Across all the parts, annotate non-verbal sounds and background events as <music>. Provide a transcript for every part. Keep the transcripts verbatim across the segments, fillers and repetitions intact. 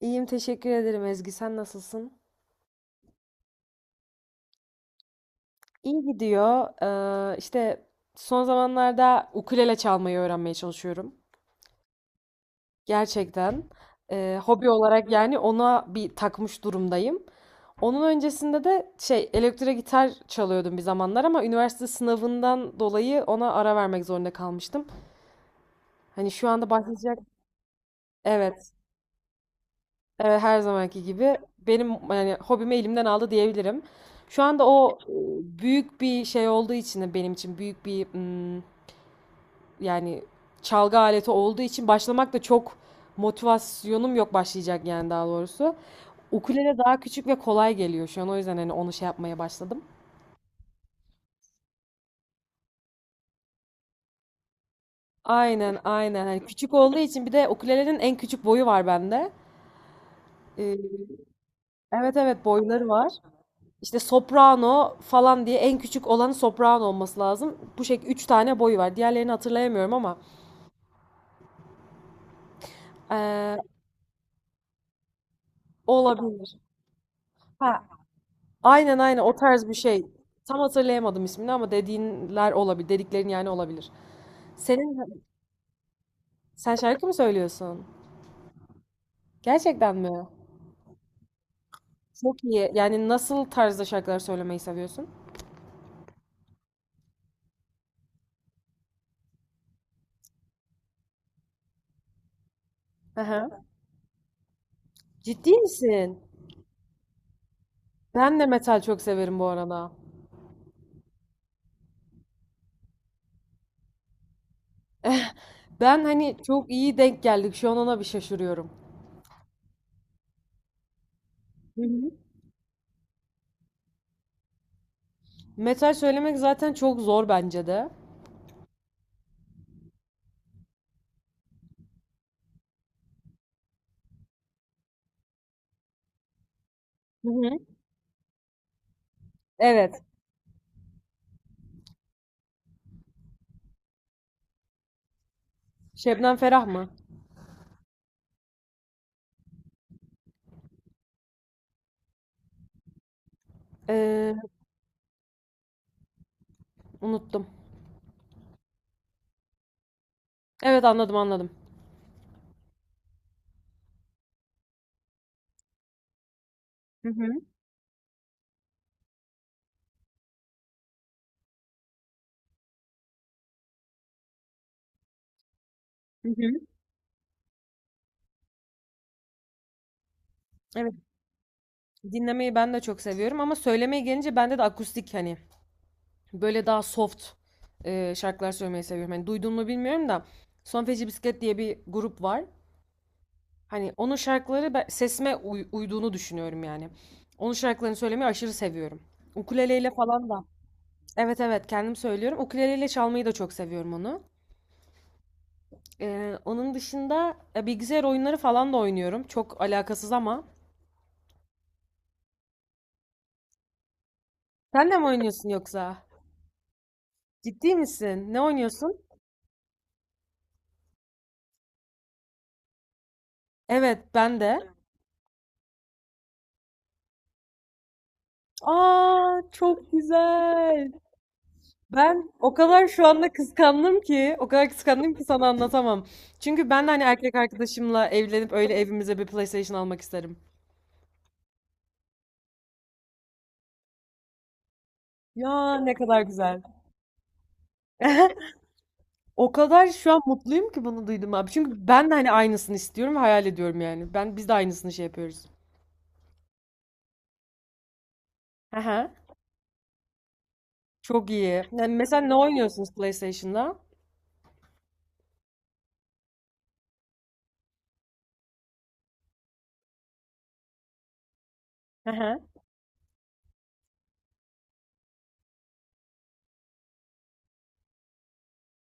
İyiyim, teşekkür ederim Ezgi. Sen nasılsın? İyi gidiyor. Ee, işte Son zamanlarda ukulele çalmayı öğrenmeye çalışıyorum. Gerçekten. Ee, hobi olarak, yani ona bir takmış durumdayım. Onun öncesinde de şey elektro gitar çalıyordum bir zamanlar, ama üniversite sınavından dolayı ona ara vermek zorunda kalmıştım. Hani şu anda başlayacak. Evet. Evet, her zamanki gibi benim yani hobimi elimden aldı diyebilirim. Şu anda o e, büyük bir şey olduğu için de benim için büyük bir mm, yani çalgı aleti olduğu için başlamak da çok, motivasyonum yok başlayacak yani, daha doğrusu. Ukulele daha küçük ve kolay geliyor şu an, o yüzden hani onu şey yapmaya başladım. Aynen aynen, hani küçük olduğu için, bir de ukulelenin en küçük boyu var bende. Ee, evet evet, boyları var. İşte soprano falan diye, en küçük olanı soprano olması lazım. Bu şekilde üç tane boyu var. Diğerlerini hatırlayamıyorum ama eee, o olabilir. Ha, aynen aynen, o tarz bir şey. Tam hatırlayamadım ismini ama dediğinler olabilir. Dediklerin yani, olabilir. Senin, sen şarkı mı söylüyorsun? Gerçekten mi? Çok iyi. Yani nasıl tarzda şarkılar söylemeyi seviyorsun? Hı. Ciddi misin? Ben de metal çok severim bu arada. Ben hani, çok iyi denk geldik. Şu an ona bir şaşırıyorum. Metal söylemek zaten çok zor bence de. Hı hı. Evet. Şebnem Ferah mı? Ee, Unuttum. Evet, anladım anladım. Hı hı. Hı hı. Evet, dinlemeyi ben de çok seviyorum ama söylemeye gelince bende de akustik, hani böyle daha soft e, şarkılar söylemeyi seviyorum. Hani duydun mu bilmiyorum da, Son Feci Bisiklet diye bir grup var. Hani onun şarkıları ben- sesime uy- uyduğunu düşünüyorum yani. Onun şarkılarını söylemeyi aşırı seviyorum. Ukuleleyle falan da. Evet evet, kendim söylüyorum. Ukuleleyle çalmayı da çok seviyorum onu. Ee, onun dışında e, bilgisayar oyunları falan da oynuyorum. Çok alakasız ama. Sen de mi oynuyorsun yoksa? Ciddi misin? Ne oynuyorsun? Evet, ben de. Aa, çok güzel. Ben o kadar şu anda kıskandım ki, o kadar kıskandım ki sana anlatamam. Çünkü ben de hani erkek arkadaşımla evlenip öyle evimize bir PlayStation almak isterim. Ya ne kadar güzel. <laughs> O kadar şu an mutluyum ki bunu duydum abi. Çünkü ben de hani aynısını istiyorum ve hayal ediyorum yani. Ben biz de aynısını şey yapıyoruz. Aha. Çok iyi. Yani mesela ne oynuyorsunuz PlayStation'da? Hı hı.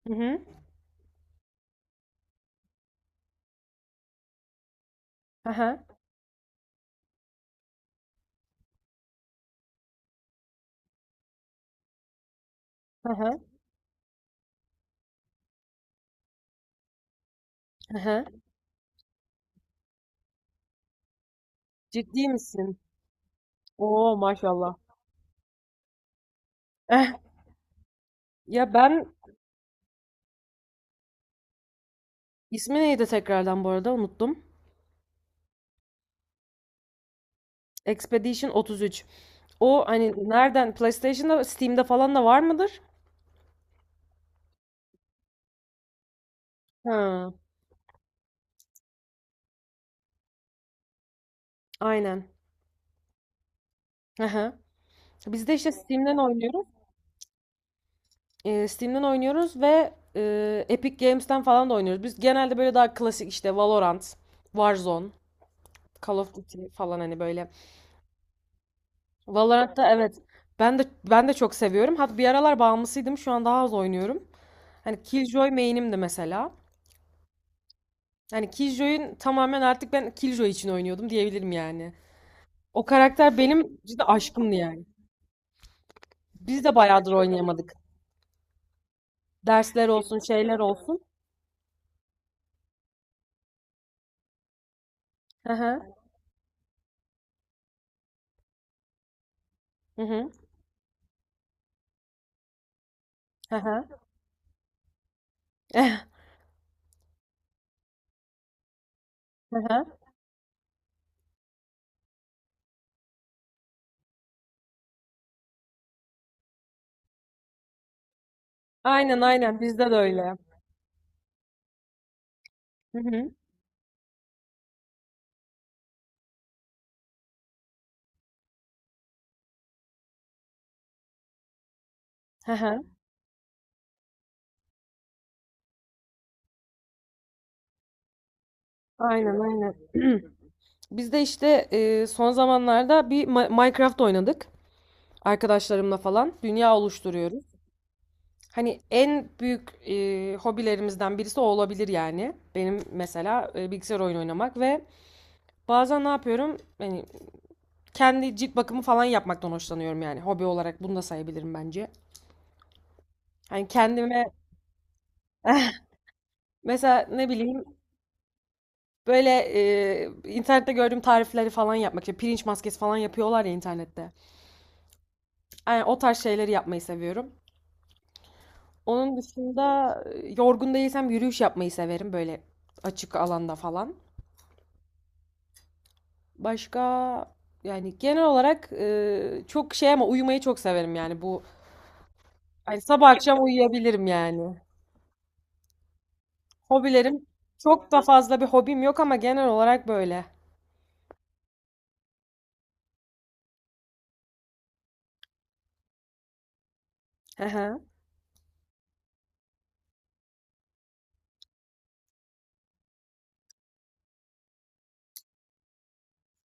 Hı hı. Hı hı. Hı hı. Hı hı. Ciddi misin? Oo maşallah. Eh, ya ben ismi neydi tekrardan bu arada, unuttum. Expedition otuz üç. O hani nereden, PlayStation'da Steam'de falan da var mıdır? Ha, aynen. Hı hı. Biz de işte Steam'den oynuyoruz. Ee, Steam'den oynuyoruz ve e, Epic Games'ten falan da oynuyoruz. Biz genelde böyle daha klasik işte Valorant, Warzone, Call of Duty falan, hani böyle. Valorant'ta evet. Ben de Ben de çok seviyorum. Hatta bir aralar bağımlısıydım. Şu an daha az oynuyorum. Hani Killjoy main'imdi mesela. Hani Killjoy'un, tamamen artık ben Killjoy için oynuyordum diyebilirim yani. O karakter benim cidden aşkımdı yani. Biz de bayağıdır oynayamadık. Dersler olsun, şeyler olsun. Hı hı. Hı hı. Hı hı. Eh. Hı hı. Aynen aynen, bizde de öyle. Hı hı. Hı hı. Aynen aynen. <clears throat> Biz de işte e, son zamanlarda bir Ma- Minecraft oynadık. Arkadaşlarımla falan dünya oluşturuyoruz. Hani en büyük e, hobilerimizden birisi o olabilir yani. Benim mesela e, bilgisayar oyunu oynamak ve bazen ne yapıyorum? Hani kendi cilt bakımı falan yapmaktan hoşlanıyorum yani. Hobi olarak bunu da sayabilirim bence. Hani kendime <laughs> mesela ne bileyim, böyle e, internette gördüğüm tarifleri falan yapmak. İşte pirinç maskesi falan yapıyorlar ya internette. Yani o tarz şeyleri yapmayı seviyorum. Onun dışında e, yorgun değilsem yürüyüş yapmayı severim, böyle açık alanda falan. Başka, yani genel olarak e, çok şey ama uyumayı çok severim yani, bu hani sabah akşam uyuyabilirim yani. Hobilerim, çok da fazla bir hobim yok ama genel olarak böyle. Hı hı.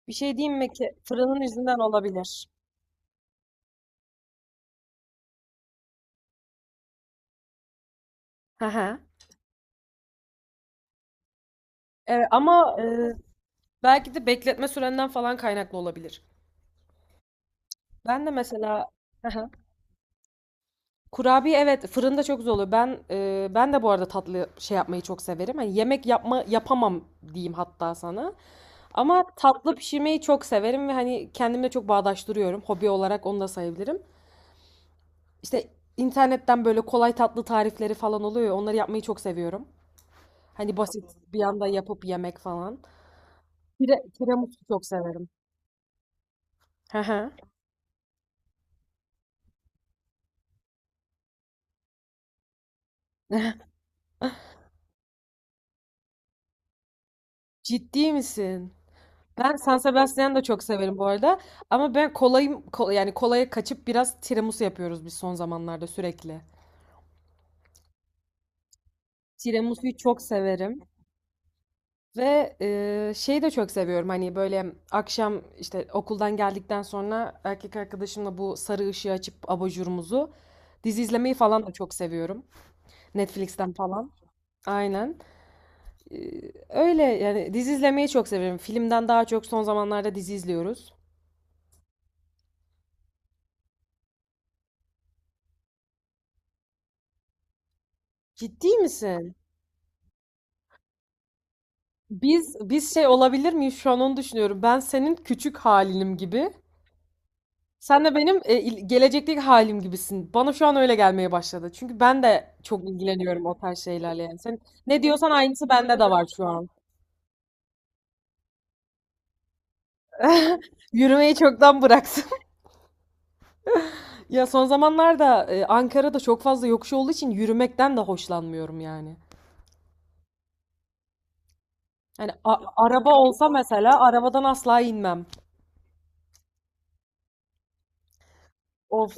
Bir şey diyeyim mi, ki fırının yüzünden olabilir. Hı hı. E, ama e, Belki de bekletme sürenden falan kaynaklı olabilir. Ben de mesela <laughs> kurabiye evet, fırında çok zor oluyor. Ben e, ben de bu arada tatlı şey yapmayı çok severim. Hani yemek yapma yapamam diyeyim hatta sana. Ama tatlı pişirmeyi çok severim ve hani kendimle çok bağdaştırıyorum. Hobi olarak onu da sayabilirim. İşte internetten böyle kolay tatlı tarifleri falan oluyor ya. Onları yapmayı çok seviyorum. Hani basit, bir anda yapıp yemek falan. Tire, tiramisu çok severim. Hı hı. <laughs> Ciddi misin? Ben San Sebastian'ı da çok severim bu arada. Ama ben kolayım, kol- yani kolaya kaçıp biraz tiramisu yapıyoruz biz son zamanlarda sürekli. Tiramisu'yu çok severim ve e, şeyi de çok seviyorum. Hani böyle akşam işte okuldan geldikten sonra erkek arkadaşımla bu sarı ışığı açıp abajurumuzu, dizi izlemeyi falan da çok seviyorum. Netflix'ten falan. Aynen. E, Öyle yani, dizi izlemeyi çok seviyorum. Filmden daha çok son zamanlarda dizi izliyoruz. Ciddi misin? Biz biz şey olabilir miyiz, şu an onu düşünüyorum. Ben senin küçük halinim gibi. Sen de benim e, il- gelecekteki halim gibisin. Bana şu an öyle gelmeye başladı. Çünkü ben de çok ilgileniyorum o tarz şeylerle yani. Sen ne diyorsan aynısı bende de var şu an. <laughs> Yürümeyi çoktan bıraktım. <laughs> Ya son zamanlarda e, Ankara'da çok fazla yokuş olduğu için yürümekten de hoşlanmıyorum yani. Yani a- araba olsa mesela, arabadan asla inmem. Of.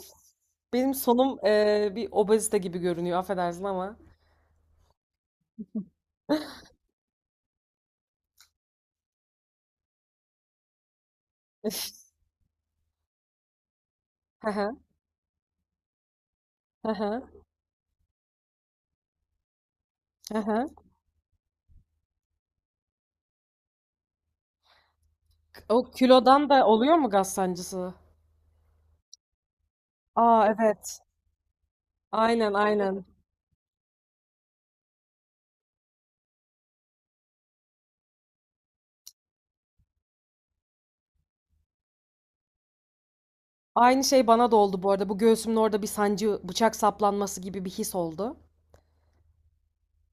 Benim sonum e, bir obezite gibi görünüyor, affedersin ama. <laughs> Hı hı. Hı hı. Hı hı. O kilodan da oluyor mu gaz sancısı? Aa evet. Aynen aynen. Aynı şey bana da oldu bu arada. Bu göğsümün orada bir sancı, bıçak saplanması gibi bir his oldu.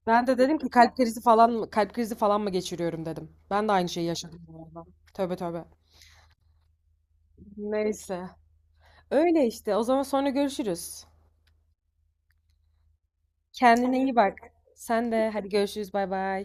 Ben de dedim ki kalp krizi falan mı, kalp krizi falan mı geçiriyorum dedim. Ben de aynı şeyi yaşadım bu arada. Tövbe tövbe. Neyse. Öyle işte. O zaman sonra görüşürüz. Kendine iyi bak. Sen de hadi görüşürüz. Bay bay.